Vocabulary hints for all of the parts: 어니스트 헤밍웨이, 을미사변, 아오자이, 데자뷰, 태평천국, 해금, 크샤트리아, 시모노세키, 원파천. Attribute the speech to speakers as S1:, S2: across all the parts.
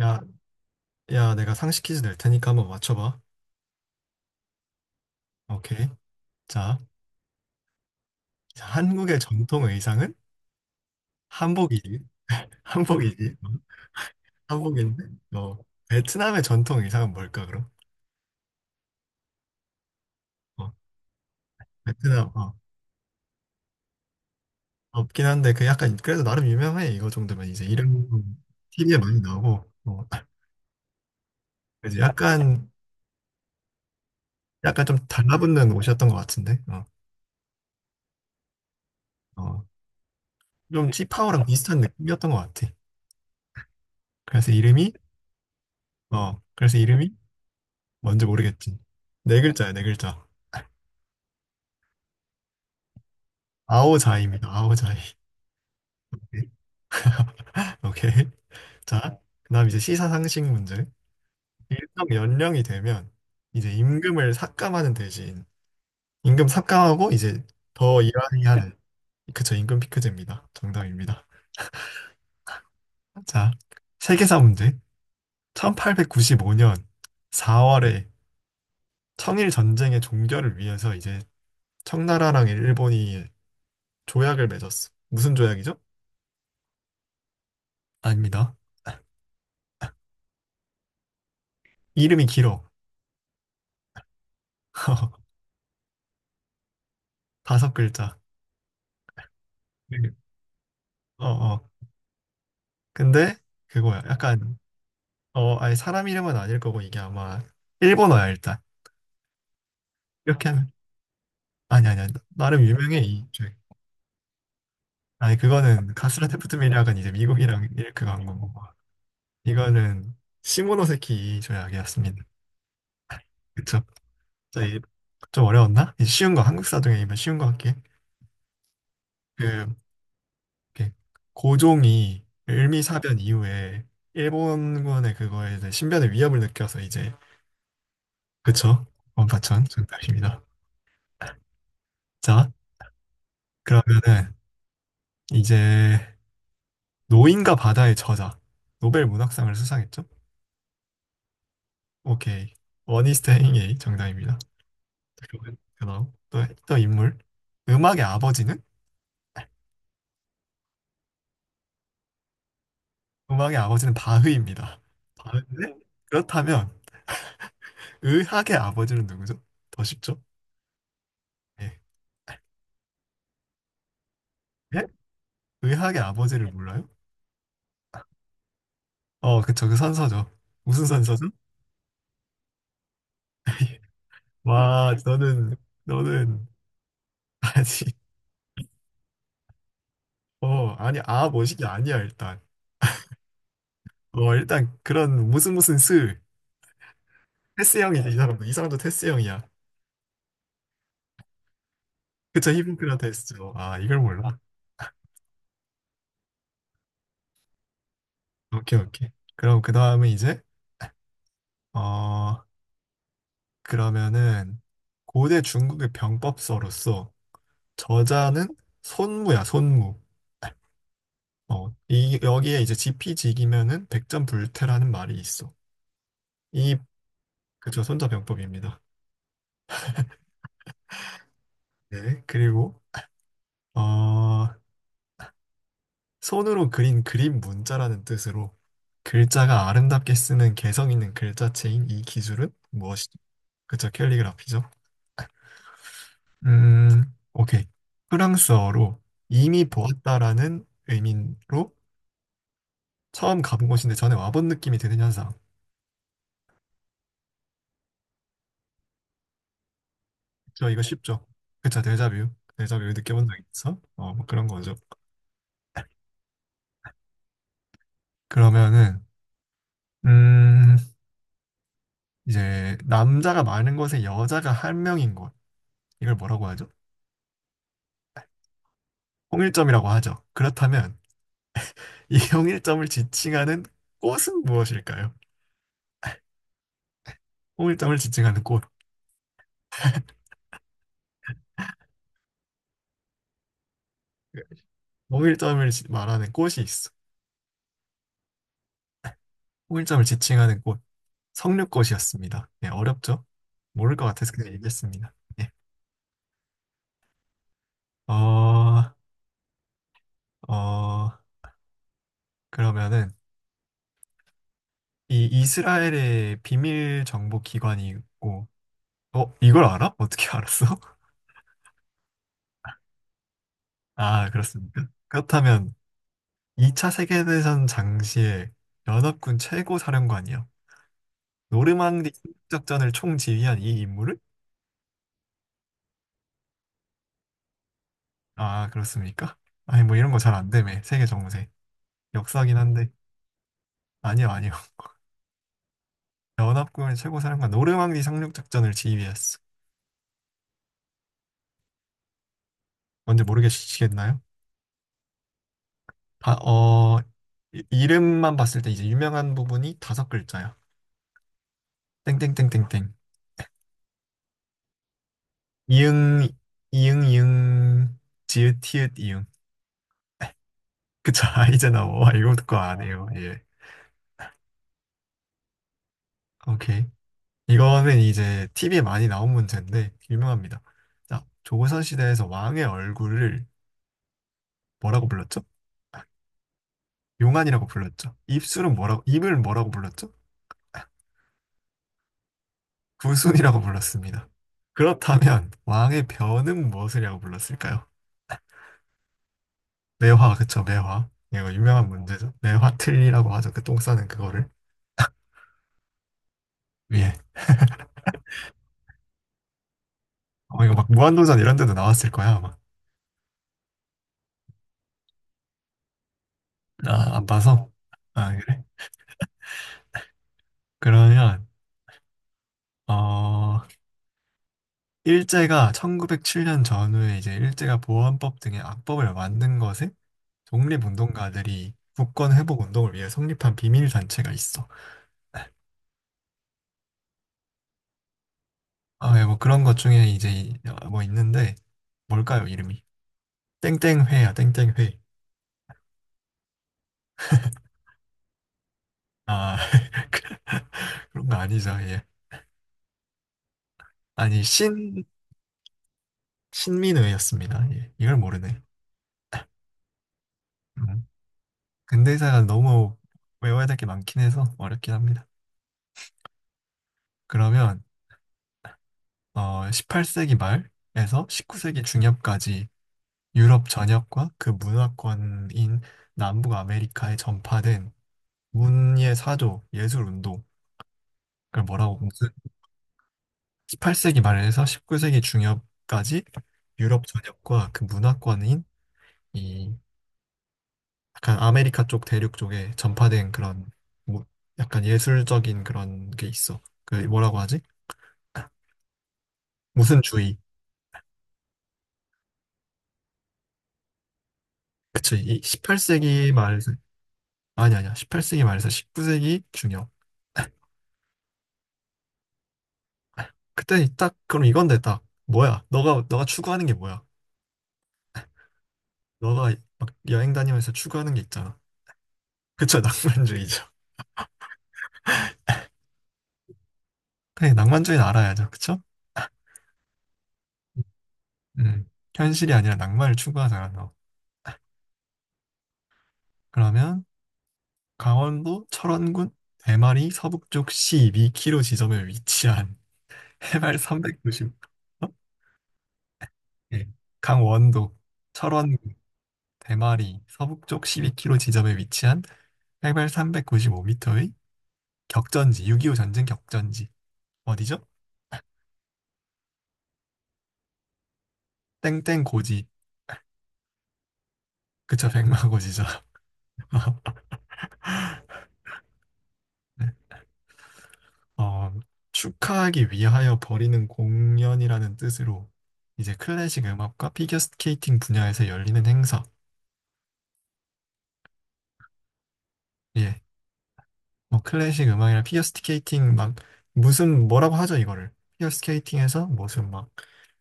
S1: 야, 야, 내가 상식 퀴즈 낼 테니까 한번 맞춰봐. 오케이. 자, 자, 한국의 전통 의상은 한복이지. 한복이지. 한복인데, 어, 베트남의 전통 의상은 뭘까, 그럼? 어, 베트남, 없긴 한데, 그 약간, 그래도 나름 유명해. 이거 정도면 이제 이름 TV에 많이 나오고, 그지. 약간, 좀 달라붙는 옷이었던 것 같은데, 어, 좀 치파오랑 비슷한 느낌이었던 것 같아. 그래서 이름이, 그래서 이름이 뭔지 모르겠지. 네 글자야, 네 글자. 아오자이입니다. 아오자이. 오케이. 자, 그다음 이제 시사상식 문제. 일정 연령이 되면 이제 임금을 삭감하는 대신 임금 삭감하고 이제 더 일하게 하는, 그쵸, 임금 피크제입니다. 정답입니다. 자, 세계사 문제. 1895년 4월에 청일 전쟁의 종결을 위해서 이제 청나라랑 일본이 조약을 맺었어. 무슨 조약이죠? 아닙니다. 이름이 길어. 다섯 글자. 네. 어, 어. 근데 그거야. 약간 아니, 사람 이름은 아닐 거고, 이게 아마 일본어야 일단. 이렇게 하면 아니 아니 아니. 나름 유명해 이 책. 아니, 그거는 가스라 테프트 밀약은 이제 미국이랑 이렇게 간 거고. 이거는 시모노세키 이 조약이었습니다. 그쵸? 자, 이- 좀 어려웠나? 이제 쉬운 거, 한국 사전이면 쉬운 거 할게. 그, 이렇게 고종이 을미사변 이후에 일본군의 그거에 이제 신변의 위협을 느껴서 이제, 그쵸? 원파천 정답입니다. 자, 그러면은 이제 노인과 바다의 저자, 노벨 문학상을 수상했죠? 오케이. 어니스트 헤밍웨이 정답입니다. 그러면 그다음 또, 또 인물. 음악의 아버지는? 음악의 아버지는 바흐입니다. 바흐인데 그렇다면 의학의 아버지는 누구죠? 더 쉽죠? 예. 예? 의학의 아버지를 몰라요? 어, 그쵸. 그 선서죠. 무슨 선서죠? 와, 너는, 너는 아직 어, 아니, 아, 멋있게 아니야, 일단. 어, 일단, 그런, 무슨 무슨 스. 테스 형이야 이 사람도. 이 사람도 테스 형이야. 그쵸, 히포크라테스죠. 아, 이걸 몰라. 오케이, 오케이. 그럼, 그 다음은 이제, 어, 그러면은 고대 중국의 병법서로서, 저자는 손무야, 손무. 어, 이, 여기에 이제 지피지기면은 백전불태라는 말이 있어. 이, 그쵸, 손자병법입니다. 네. 그리고, 어, 손으로 그린 그림 문자라는 뜻으로 글자가 아름답게 쓰는 개성 있는 글자체인, 이 기술은 무엇이죠? 그쵸, 캘리그라피죠? 음. 오케이. 프랑스어로 이미 보았다라는 의미로 처음 가본 곳인데 전에 와본 느낌이 드는 현상. 저 이거 쉽죠? 그쵸, 데자뷰. 데자뷰 느껴본 적 있어? 어, 뭐 그런 거죠. 그러면은, 음, 이제 남자가 많은 곳에 여자가 한 명인 곳. 이걸 뭐라고 하죠? 통일점이라고 하죠. 그렇다면 이 홍일점을 지칭하는 꽃은 무엇일까요? 홍일점을 지칭하는 꽃. 홍일점을 지- 말하는 꽃이 있어. 홍일점을 지칭하는 꽃. 석류꽃이었습니다. 네, 어렵죠? 모를 것 같아서 그냥 얘기했습니다. 네. 어, 어, 그러면은 이 이스라엘의 비밀 정보 기관이 있고, 어, 이걸 알아? 어떻게 알았어? 아, 그렇습니까? 그렇다면 2차 세계대전 당시에 연합군 최고 사령관이요. 노르망디 상륙작전을 총지휘한 이 인물을? 아, 그렇습니까? 아니, 뭐 이런 거 잘 안 되매. 세계 정세. 역사긴 한데. 아니요, 아니요. 연합군의 최고 사령관 노르망디 상륙작전을 지휘했어. 뭔지 모르겠시겠나요? 아, 어, 이름만 봤을 때 이제 유명한 부분이 다섯 글자야. 땡땡땡땡땡. 이응, 이응, 이응, 지읒, 티읒, 이응. 그쵸. 이제 나와. 이거 듣고 안 해요. 예. 오케이. 이거는 이제 TV에 많이 나온 문제인데 유명합니다. 자, 조선 시대에서 왕의 얼굴을 뭐라고 불렀죠? 아, 용안이라고 불렀죠. 입술은 뭐라고, 입을 뭐라고 불렀죠? 구순이라고 불렀습니다. 그렇다면 왕의 변은 무엇이라고 불렀을까요? 매화. 그쵸, 매화. 이거 유명한 문제죠. 매화틀리라고 하죠. 그 똥 싸는 그거를. 예. 어, 이거 막 무한도전 이런 데도 나왔을 거야 아마. 나 안 봐서. 아, 그래? 그러면 어 일제가 1907년 전후에 이제 일제가 보안법 등의 악법을 만든 것에 독립운동가들이 국권 회복 운동을 위해 성립한 비밀 단체가 있어. 아, 예, 뭐 그런 것 중에 이제 뭐 있는데 뭘까요, 이름이? 땡땡회야, 땡땡회. 아, 그- 그런 거 아니죠, 예. 아니, 신민회였습니다. 예, 이걸 모르네. 음. 근대사가 너무 외워야 될 게 많긴 해서 어렵긴 합니다. 그러면 18세기 말에서 19세기 중엽까지 유럽 전역과 그 문화권인 남북 아메리카에 전파된 문예 사조, 예술 운동, 그걸 뭐라고, 무슨 18세기 말에서 19세기 중엽까지 유럽 전역과 그 문화권인 이 약간 아메리카 쪽 대륙 쪽에 전파된 그런 뭐 약간 예술적인 그런 게 있어. 그 뭐라고 하지? 무슨 주의? 그치. 이 18세기 말 아니 아니야. 18세기 말에서 19세기 중요. 그때 딱 그럼 이건데 딱 뭐야? 너가 추구하는 게 뭐야? 너가 막 여행 다니면서 추구하는 게 있잖아. 그쵸? 낭만주의죠. 그래, 낭만주의는 알아야죠. 그쵸? 음. 음. 현실이 아니라 낭만을 추구하잖아, 너. 그러면 강원도 철원군 대마리 서북쪽 12km 지점에 위치한 해발 390, 어? 예. 강원도 철원군 대마리 서북쪽 1 2 k 로 지점에 위치한 해발 395m의 격전지, 6.25 전쟁 격전지. 어디죠? 땡땡 고지. 그쵸, 백마고지죠. 네. 어, 축하하기 위하여 벌이는 공연이라는 뜻으로 이제 클래식 음악과 피겨 스케이팅 분야에서 열리는 행사. 예. 뭐 클래식 음악이나 피겨 스케이팅 막 무슨, 뭐라고 하죠, 이거를. 피겨 스케이팅에서 무슨 막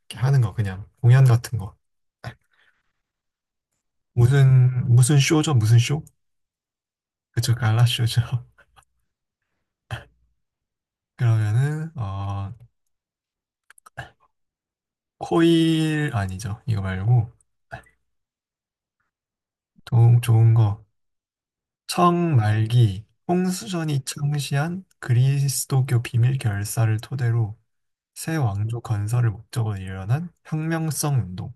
S1: 이렇게 하는 거 그냥 공연 같은 거. 무슨 무슨 쇼죠? 무슨 쇼? 그쵸, 갈라 쇼죠. 그러면은 코일 아니죠. 이거 말고 좀 좋은 거 청말기 홍수전이 창시한 그리스도교 비밀 결사를 토대로 새 왕조 건설을 목적으로 일어난 혁명성 운동.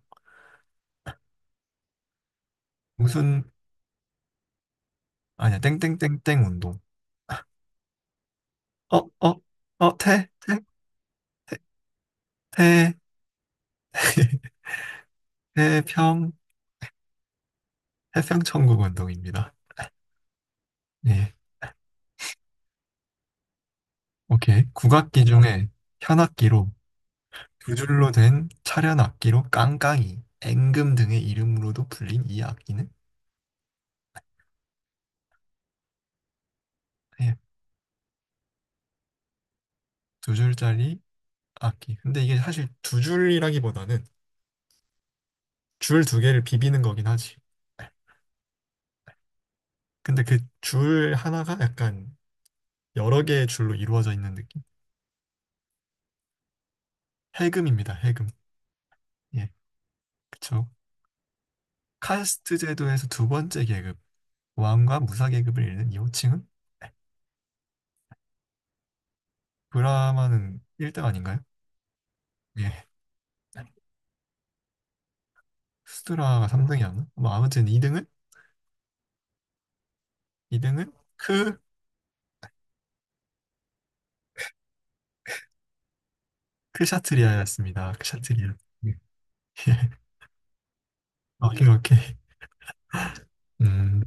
S1: 무슨. 아니야, 땡땡땡땡 운동. 어 어 어 태태태 태평 태평천국 운동입니다. 예. 오케이. 국악기 중에 현악기로 두 줄로 된 차련 악기로 깡깡이, 앵금 등의 이름으로도 불린 이 악기는, 예, 두 줄짜리 악기. 근데 이게 사실 두 줄이라기보다는 줄 두 개를 비비는 거긴 하지. 근데 그 줄 하나가 약간 여러 개의 줄로 이루어져 있는 느낌. 해금입니다. 해금. 예, 그쵸. 카스트 제도에서 두 번째 계급, 왕과 무사 계급을 잇는 이 호칭은. 브라마는 1등 아닌가요? 예. 수드라가 3등이었나? 뭐 아무튼 2등은 2등은 크 크샤트리아였습니다. 크샤트리아. 예. 오케이, 오케이. 음.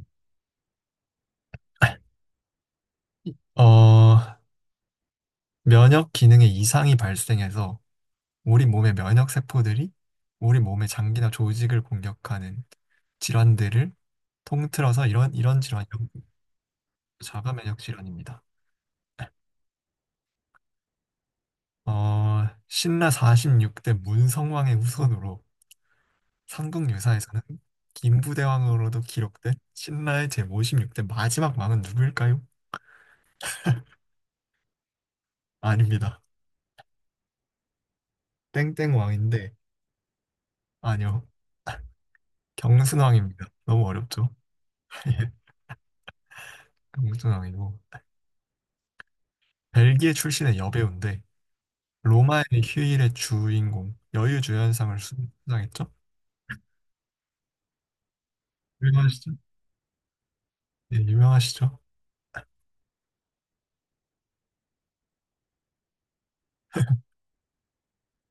S1: 어, 면역 기능에 이상이 발생해서 우리 몸의 면역 세포들이 우리 몸의 장기나 조직을 공격하는 질환들을 통틀어서 이런 이런 질환이라고 불러요. 자가 면역 질환입니다. 어, 신라 46대 문성왕의 후손으로 삼국유사에서는 김부대왕으로도 기록된 신라의 제56대 마지막 왕은 누구일까요? 아닙니다. 땡땡 왕인데 아니요. 경순왕입니다. 너무 어렵죠? 예, 경순왕이고. 벨기에 출신의 여배우인데, 로마의 휴일의 주인공, 여유주연상을 수상했죠? 유명하시죠? 예, 유명하시죠?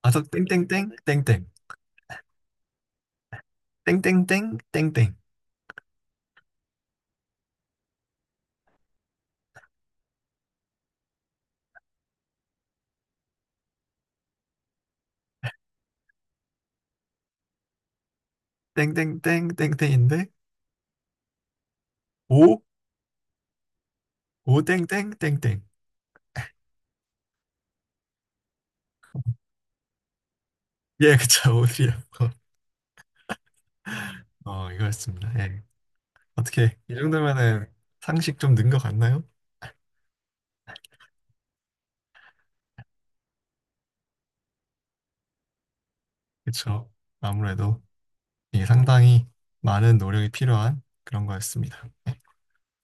S1: 아저 땡땡땡, 땡땡, 땡땡땡, 땡땡, 땡땡땡, 땡땡인데, 오, 오땡땡, 땡땡. 예. 그쵸, 오드라요. 어, 이거였습니다. 예. 어떻게, 이 정도면은 상식 좀 는 것 같나요? 그쵸. 아무래도. 이게 상당히 많은 노력이 필요한 그런 거였습니다. 예,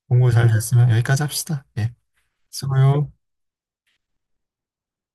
S1: 공부 잘 됐으면 여기까지 합시다. 예, 수고요.